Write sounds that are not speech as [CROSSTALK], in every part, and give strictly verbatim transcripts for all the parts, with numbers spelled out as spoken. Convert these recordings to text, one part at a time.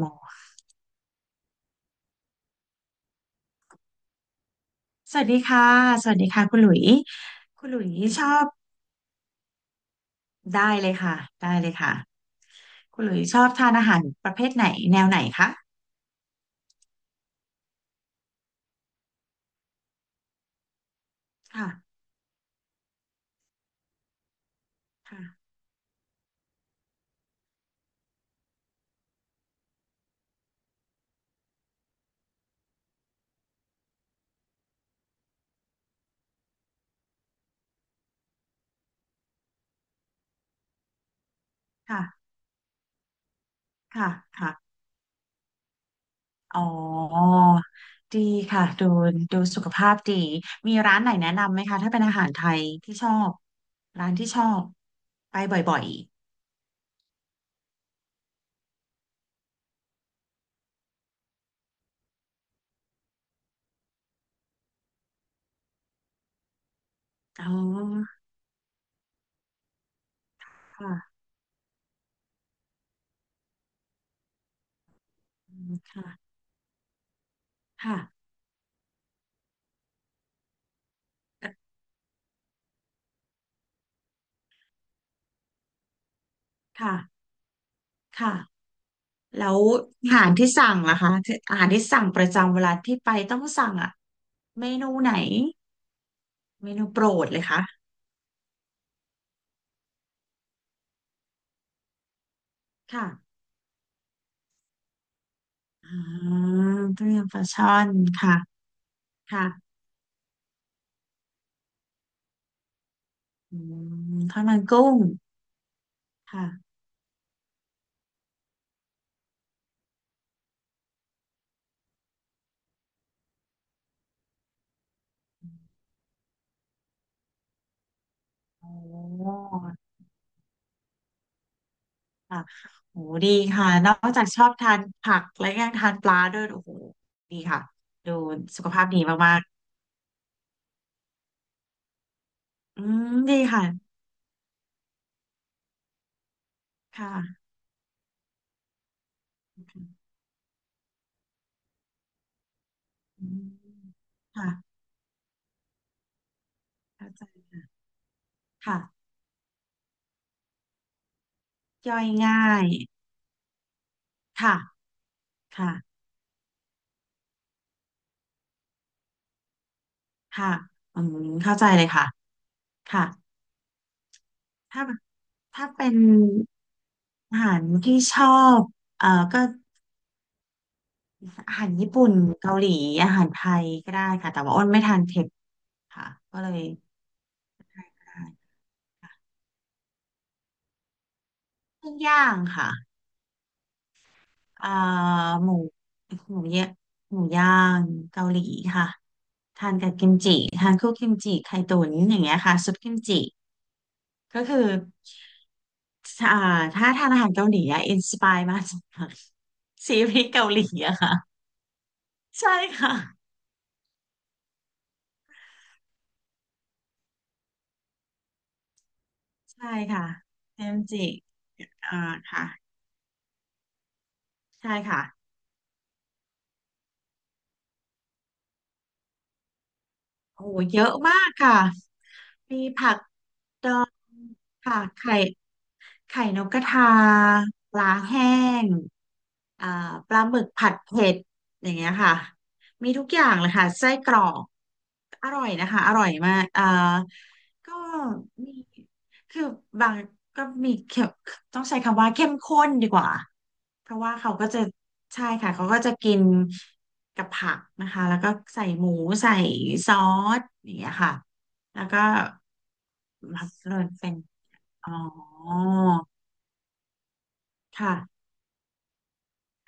หมอสวัสดีค่ะสวัสดีค่ะคุณหลุยคุณหลุยชอบได้เลยค่ะได้เลยค่ะคุณหลุยชอบทานอาหารประเภทไหนแนวไหนคะค่ะค่ะค่ะค่ะค่ะอ๋อดีค่ะดูดูสุขภาพดีมีร้านไหนแนะนำไหมคะถ้าเป็นอาหารไทยที่ชอบร้านที่ชอบไปบ่อยๆอ๋อค่ะอืมค่ะค่ะค่ะค่ะ แล้วอาหารที่สั่งล่ะคะอาหารที่สั่งประจำเวลาที่ไปต้องสั่งอ่ะเมนูไหนเมนูโปรดเลยคะค่ะอ่าต้มยำปลาช่อนค่ะค่ะอืมทอดมันกุ้งค่ะโอ้ค่ะโหดีค่ะนอกจากชอบทานผักและยังทานปลาด้วยโอ้โหดีค่ะดูสุขภาพดีมากๆอืมดีค่ะค่ะอืมค่ะเข้าใจค่ะย่อยง่าย ค่ะค่ะค่ะอืมเข้าใจเลยค่ะค่ะถ้าถ้าเป็นอาหารที่ชอบเอ่อก็อาหารญี่ปุ่นเกาหลีอาหารไทยก็ได้ค่ะแต่ว่าอ้นไม่ทานเผ็ดค่ะก็เลยปิ้งย่างค่ะเอ่อหมูหมูเยะหมูย่างเกาหลีค่ะทานกับกิมจิทานคู่กิมจิไข่ตุ๋นอย่างเงี้ยค่ะซุปกิมจิ ก็คืออ่าถ้าทานอาหารเกาหลีอะอินสปายมาจากซีรีส์ [LAUGHS] เกาหลีอะค่ะใช่ค่ะใช่ค่ะเทมจิอ่าค่ะใช่ค่ะโอ้โหเยอะมากค่ะมีผักดองค่ะไข่ ไข่นกกระทาปลาแห้งอ่าปลาหมึกผัดเผ็ดอย่างเงี้ยค่ะมีทุกอย่างเลยค่ะไส้กรอกอร่อยนะคะอร่อยมากอ่าก็มีคือบางก็มีเข้มต้องใช้คำว่าเข้มข้นดีกว่าเพราะว่าเขาก็จะใช่ค่ะเขาก็จะกินกับผักนะคะแล้วก็ใส่หมูใส่ซอสอย่างเงี้ยค่ะแล้วก็รับเลยเป็นอ๋อ ค่ะ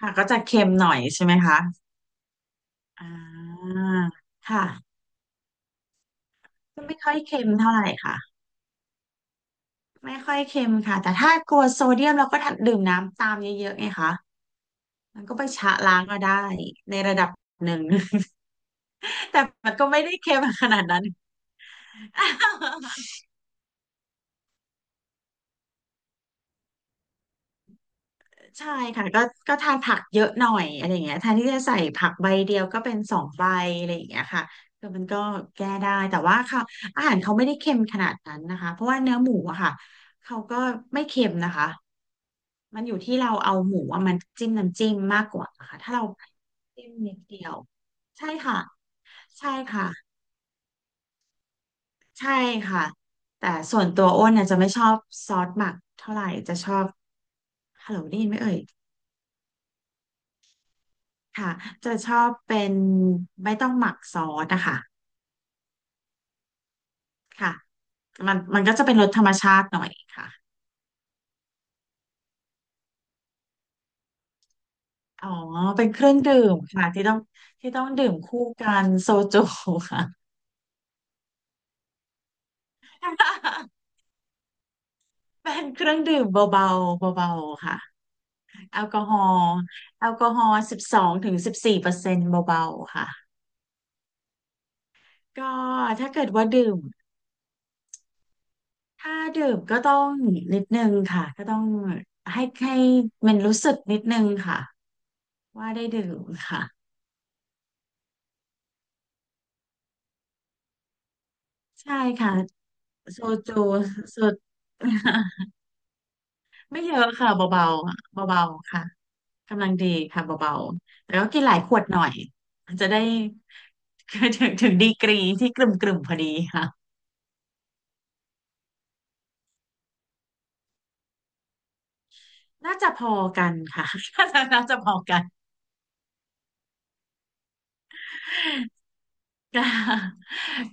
ค่ะก็จะเค็มหน่อยใช่ไหมคะ อ่าค่ะ ก็ไม่ค่อยเค็มเท่าไหร่ค่ะ ไม่ค่อยเค็มค่ะ แต่ถ้ากลัวโซเดียมเราก็ดื่มน้ำตามเยอะๆไงคะมันก็ไปชะล้างก็ได้ในระดับหนึ่ง [LAUGHS] แต่มันก็ไม่ได้เค็มขนาดนั้น [LAUGHS] ใช่ค่ะก็ก็ทานผักเยอะหน่อยอะไรอย่างเงี้ยแทนที่จะใส่ผักใบเดียวก็เป็นสองใบอะไรอย่างเงี้ยค่ะคือมันก็แก้ได้แต่ว่าเขาอาหารเขาไม่ได้เค็มขนาดนั้นนะคะเพราะว่าเนื้อหมูอะค่ะเขาก็ไม่เค็มนะคะมันอยู่ที่เราเอาหมูอะมันจิ้มน้ำจิ้มมากกว่าค่ะถ้าเราจิ้มนิดเดียวใช่ค่ะใช่ค่ะใช่ค่ะแต่ส่วนตัวอ้นน่ะจะไม่ชอบซอสหมักเท่าไหร่จะชอบฮัลโหลได้ยินไหมเอ่ย ค่ะจะชอบเป็นไม่ต้องหมักซอสนะคะค่ะมันมันก็จะเป็นรสธรรมชาติหน่อยค่ะอ๋อเป็นเครื่องดื่มค่ะที่ต้องที่ต้องดื่มคู่กันโซจูค่ะ [LAUGHS] เป็นเครื่องดื่มเบาๆเบาๆค่ะแอลกอฮอล์แอลกอฮอล์สิบสองถึงสิบสี่เปอร์เซ็นต์เบาๆค่ะก็ถ้าเกิดว่าดื่มถ้าดื่มก็ต้องนิดนึงค่ะก็ต้องให้ให้มันรู้สึกนิดนึงค่ะว่าได้ดื่มค่ะ ใช่ค่ะโซจูสุด [LAUGHS] ไม่เยอะค่ะเบาๆบเบาๆค่ะกำลังดีค่ะเบาๆแต่ก็กินหลายขวดหน่อยจะได้ [LAUGHS] ถึงถึงดีกรีที่กลุ่มๆพอดีค่ะน่าจะพอกันค่ะ [LAUGHS] น่าจะพอกัน [LAUGHS] ก็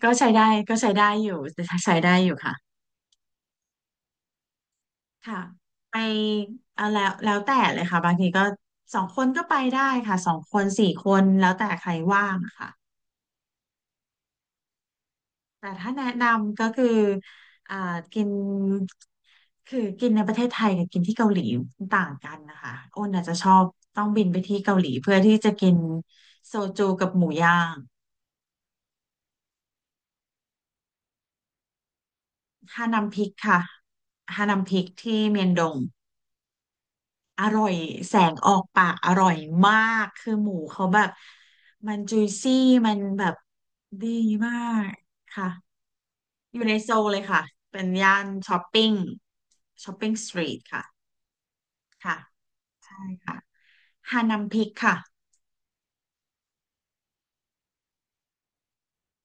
ก็ใช้ได้ก็ใช้ได้อยู่ใช้ได้อยู่ค่ะค่ะไปเอาแล้วแล้วแต่เลยค่ะบางทีก็สองคนก็ไปได้ค่ะสองคนสี่คนแล้วแต่ใครว่างค่ะ แต่ถ้าแนะนำก็คืออ่ากินคือกินในประเทศไทยกับกินที่เกาหลีต่างกันนะคะอ้นอาจจะชอบต้องบินไปที่เกาหลีเพื่อที่จะกินโซจูกับหมูย่างฮานัมพิกค่ะฮานัมพิกที่เมียนดงอร่อยแสงออกปากอร่อยมากคือหมูเขาแบบมันจุยซี่มันแบบดีมากค่ะอยู่ในโซลเลยค่ะเป็นย่านช้อปปิ้งช้อปปิ้งสตรีทค่ะค่ะ ใช่ค่ะฮานัมพิกค่ะ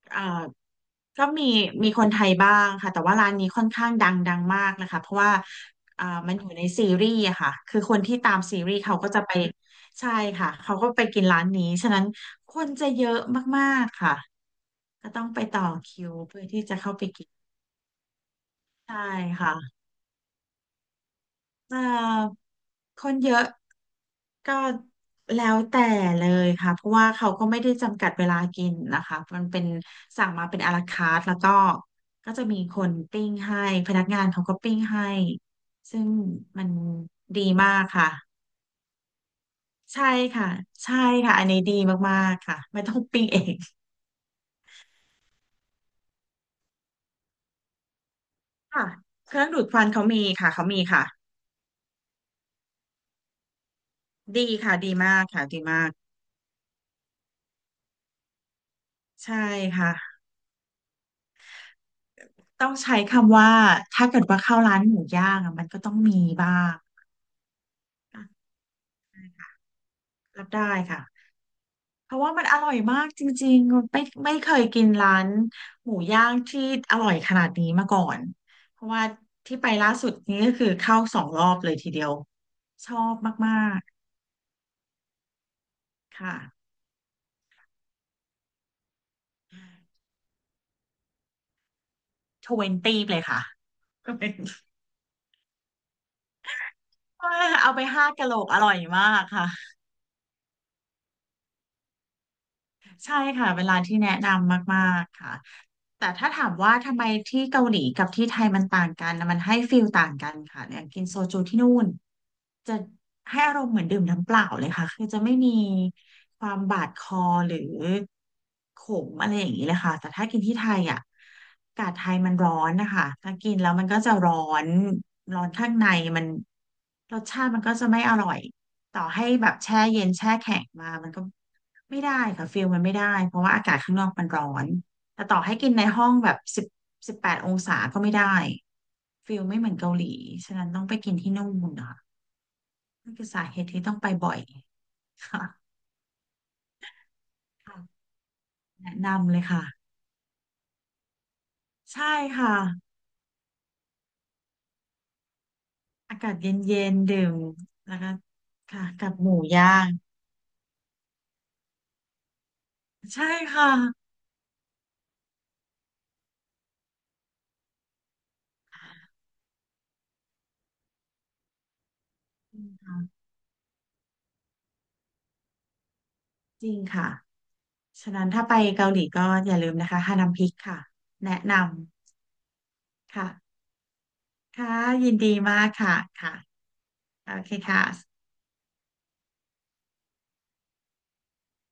เอ่อก็มีมีคนไทยบ้างค่ะแต่ว่าร้านนี้ค่อนข้างดังดังมากนะคะเพราะว่าเอ่อมันอยู่ในซีรีส์อะค่ะคือคนที่ตามซีรีส์เขาก็จะไปใช่ค่ะเขาก็ไปกินร้านนี้ฉะนั้นคนจะเยอะมากๆค่ะก็ต้องไปต่อคิวเพื่อที่จะเข้าไปกินใช่ค่ะ เอ่อคนเยอะก็แล้วแต่เลยค่ะเพราะว่าเขาก็ไม่ได้จำกัดเวลากินนะคะมันเป็นสั่งมาเป็นอาราคาร์ทแล้วก็ก็จะมีคนปิ้งให้พนักงานเขาก็ปิ้งให้ซึ่งมันดีมากค่ะใช่ค่ะใช่ค่ะอันนี้ดีมากๆค่ะไม่ต้องปิ้งเองค่ะเครื่องดูดควันเขามีค่ะเขามีค่ะดีค่ะดีมากค่ะดีมากใช่ค่ะ ต้องใช้คำว่าถ้าเกิดว่าเข้าร้านหมูย่างอะมันก็ต้องมีบ้างอ่ะรับได้ค่ะเพราะว่ามันอร่อยมากจริงๆไม่ไม่เคยกินร้านหมูย่างที่อร่อยขนาดนี้มาก่อนเพราะว่าที่ไปล่าสุดนี้ก็คือเข้าสองรอบเลยทีเดียวชอบมากๆค่ะทเวนตี้เลยค่ะ [LAUGHS] เอาไปห้ากะโหลกอร่อยมากค่ะ ใช่ค่ะเวลาที่แนะนำมากๆค่ะแต่ถ้าถามว่าทำไมที่เกาหลีกับที่ไทยมันต่างกันนะมันให้ฟีลต่างกันค่ะอย่างกินโซจูที่นู่นจะให้อารมณ์เหมือนดื่มน้ำเปล่าเลยค่ะคือจะไม่มีความบาดคอหรือขมอะไรอย่างนี้เลยค่ะแต่ถ้ากินที่ไทยอ่ะอากาศไทยมันร้อนนะคะถ้ากินแล้วมันก็จะร้อนร้อนข้างในมันรสชาติมันก็จะไม่อร่อย ต่อให้แบบแช่เย็นแช่แข็งมามันก็ไม่ได้ค่ะฟิลมันไม่ได้เพราะว่าอากาศข้างนอกมันร้อน แต่ต่อให้กินในห้องแบบสิบสิบแปดองศาก็ไม่ได้ฟิลไม่เหมือนเกาหลี ฉะนั้นต้องไปกินที่นู่นค่ะนั่นคือสาเหตุที่ต้องไปบ่อยค่ะค่ะแนะนำเลยค่ะใช่ค่ะอากาศเย็นๆดื่มแล้วก็ค่ะกับหมูย่างใช่ค่ะจริงค่ะจริงค่ะฉะนั้นถ้าไปเกาหลีก็อย่าลืมนะคะฮานัมพิกค่ะแนะนำ ค่ะ ค่ะ ยินดีมากค่ะ ค่ะโอเคค่ะ